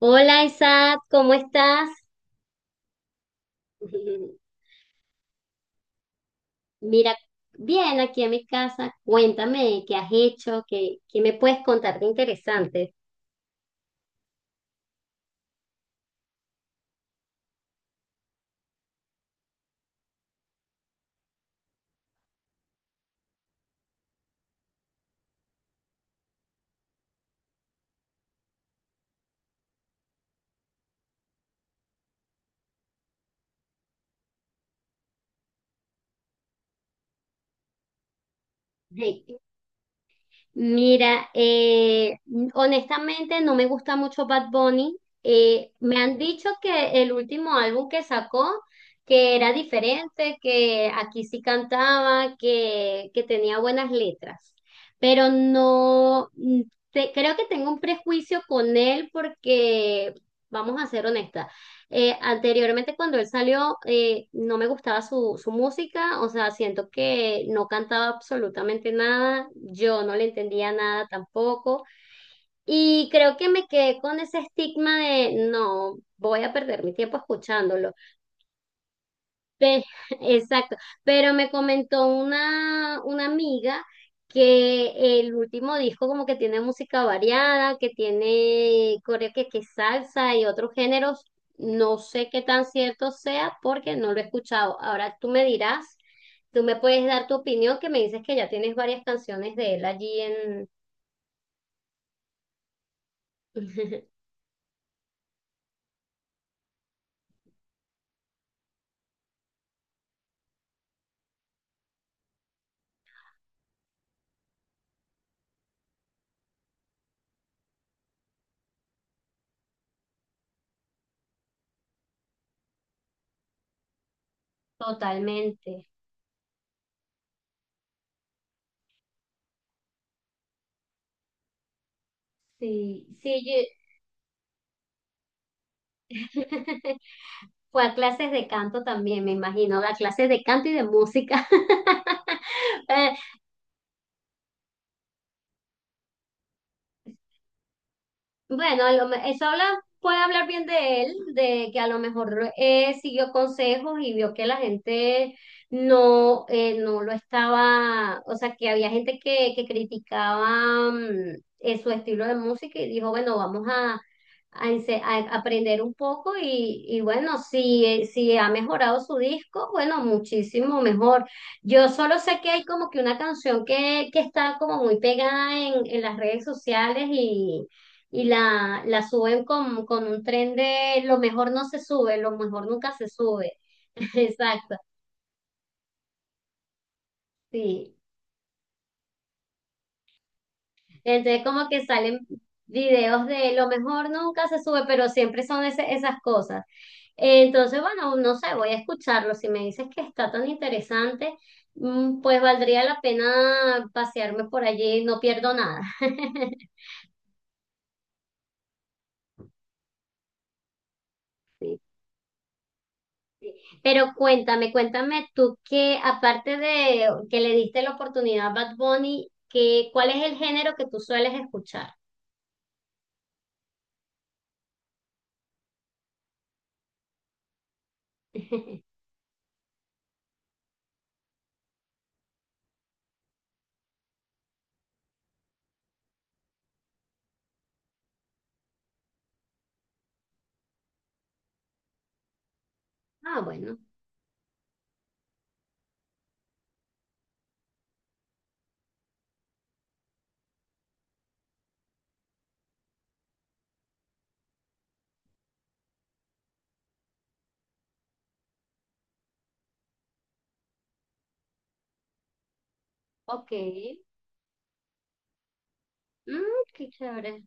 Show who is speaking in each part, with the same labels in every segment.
Speaker 1: Hola Isaac, ¿cómo estás? Mira, bien aquí en mi casa. Cuéntame qué has hecho, qué me puedes contar de interesante. Mira, honestamente no me gusta mucho Bad Bunny. Me han dicho que el último álbum que sacó, que era diferente, que aquí sí cantaba, que tenía buenas letras, pero no, creo que tengo un prejuicio con él porque, vamos a ser honestas, anteriormente cuando él salió, no me gustaba su música, o sea, siento que no cantaba absolutamente nada, yo no le entendía nada tampoco. Y creo que me quedé con ese estigma de no, voy a perder mi tiempo escuchándolo. Pe- exacto, pero me comentó una amiga que el último disco como que tiene música variada, que tiene que salsa y otros géneros, no sé qué tan cierto sea porque no lo he escuchado. Ahora tú me dirás, tú me puedes dar tu opinión que me dices que ya tienes varias canciones de él allí. Totalmente. Sí, sí, yo. Fue a clases de canto también, me imagino, a clases de canto y de música. Bueno, eso habla, puede hablar bien de él, de que a lo mejor siguió consejos y vio que la gente no, no lo estaba, o sea, que había gente que criticaba su estilo de música y dijo, bueno, vamos a aprender un poco y bueno, si ha mejorado su disco, bueno, muchísimo mejor. Yo solo sé que hay como que una canción que está como muy pegada en las redes sociales y la suben con un tren de lo mejor no se sube, lo mejor nunca se sube. Exacto, sí. Entonces como que salen videos de lo mejor nunca se sube, pero siempre son esas cosas. Entonces, bueno, no sé, voy a escucharlo. Si me dices que está tan interesante, pues valdría la pena pasearme por allí, no pierdo nada. Pero cuéntame, cuéntame tú que aparte de que le diste la oportunidad a Bad Bunny, ¿cuál es el género que tú sueles escuchar? Ah, bueno, ok. Mm, qué chévere.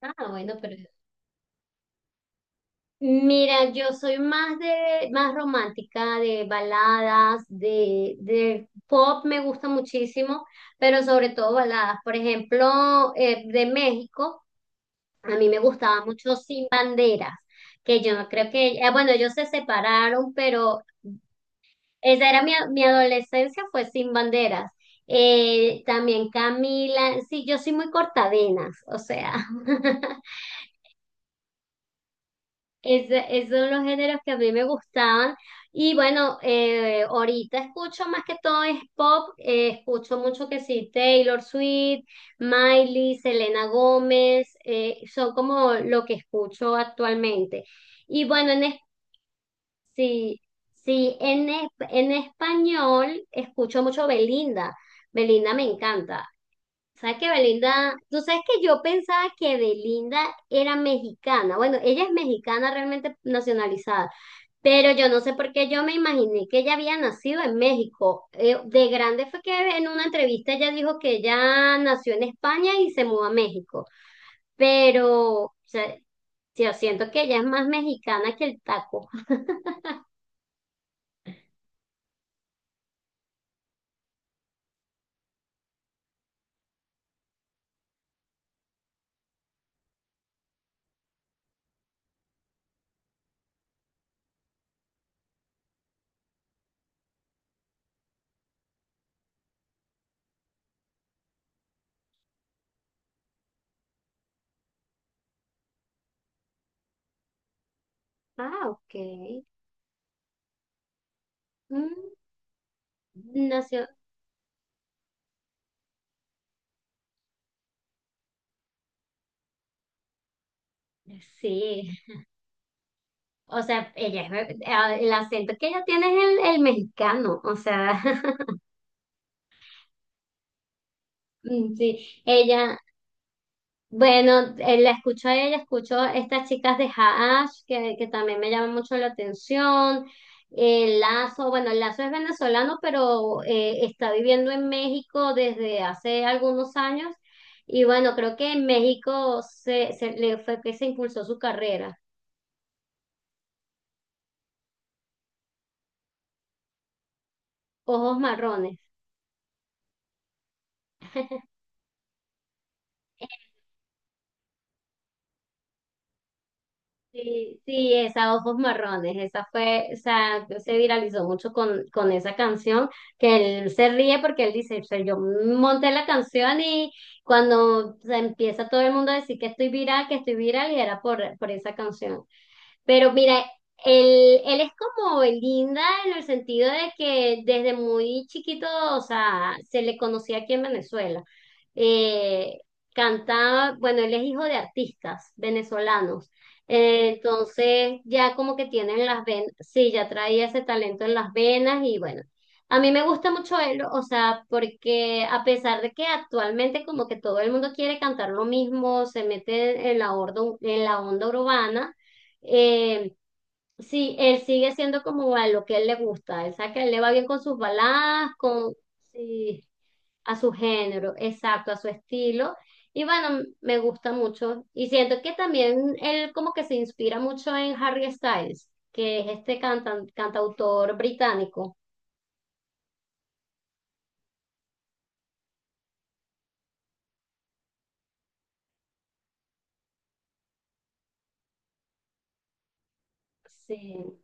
Speaker 1: Ah, bueno, pero mira, yo soy más de más romántica, de baladas, de pop me gusta muchísimo, pero sobre todo baladas. Por ejemplo, de México. A mí me gustaba mucho Sin Banderas, que yo creo que, bueno, ellos se separaron, pero esa era mi adolescencia, fue Sin Banderas. También Camila, sí, yo soy muy cortavenas, o sea, Es de los géneros que a mí me gustaban. Y bueno, ahorita escucho más que todo es pop. Escucho mucho que sí, Taylor Swift, Miley, Selena Gómez. Son como lo que escucho actualmente. Y bueno, en sí, sí, en español escucho mucho Belinda. Belinda me encanta. ¿Sabes que Belinda? Tú sabes que yo pensaba que Belinda era mexicana. Bueno, ella es mexicana realmente nacionalizada, pero yo no sé por qué yo me imaginé que ella había nacido en México. De grande fue que en una entrevista ella dijo que ella nació en España y se mudó a México, pero o sea, yo siento que ella es más mexicana que el taco. Ah, ok. Mm, nació, sí. O sea, ella el acento que ella tiene es el mexicano. O sea, mm, sí. Ella, bueno, la escucho a ella, escucho estas chicas de Haash, que también me llaman mucho la atención. El Lazo, bueno, el Lazo es venezolano, pero está viviendo en México desde hace algunos años. Y bueno, creo que en México se le fue que se impulsó su carrera. Ojos marrones. Sí, sí, esa Ojos Marrones, esa fue, o sea, se viralizó mucho con esa canción, que él se ríe porque él dice, o sea, yo monté la canción y cuando se empieza todo el mundo a decir que estoy viral, y era por esa canción. Pero mira, él es como Belinda en el sentido de que desde muy chiquito, o sea, se le conocía aquí en Venezuela. Eh, canta, bueno, él es hijo de artistas venezolanos. Entonces ya como que tienen las venas, sí, ya traía ese talento en las venas y bueno. A mí me gusta mucho él, o sea, porque a pesar de que actualmente como que todo el mundo quiere cantar lo mismo, se mete en la onda urbana, eh, sí, él sigue siendo como a lo que él le gusta. Él sabe que a él le va bien con sus baladas, sí, a su género, exacto, a su estilo. Y bueno, me gusta mucho. Y siento que también él como que se inspira mucho en Harry Styles, que es este cantautor británico. Sí,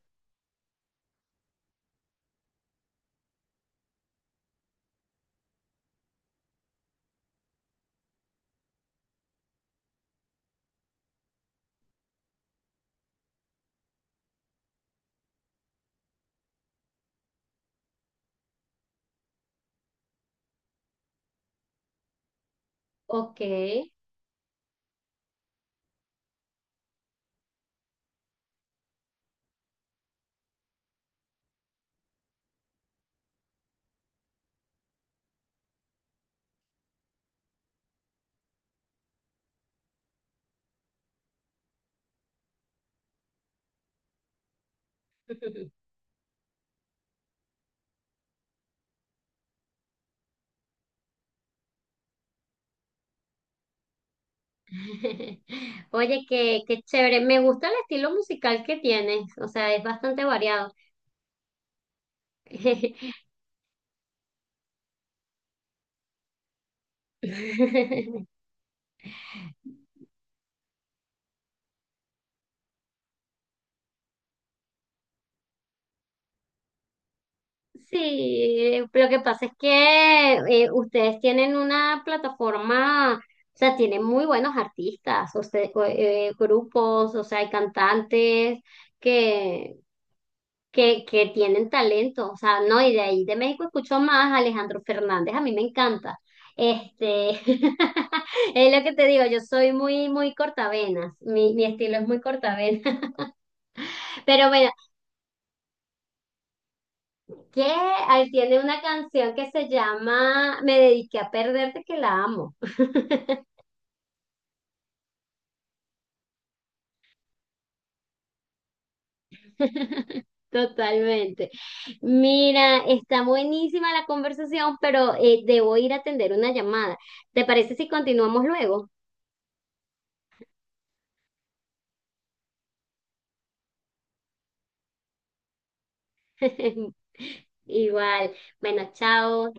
Speaker 1: ok. Oye, qué chévere. Me gusta el estilo musical que tienes, o sea, es bastante variado. Sí, lo que pasa es que ustedes tienen una plataforma, o sea, tienen muy buenos artistas, o, grupos, o sea, hay cantantes que, que tienen talento, o sea, no, y de ahí de México escucho más a Alejandro Fernández, a mí me encanta. Este, es lo que te digo, yo soy muy, muy cortavenas, mi estilo es muy cortavenas. Pero bueno, ¿qué? Ah, él tiene una canción que se llama Me dediqué a perderte, que la amo. Totalmente. Mira, está buenísima la conversación, pero debo ir a atender una llamada. ¿Te parece si continuamos luego? Igual. Bueno, chao.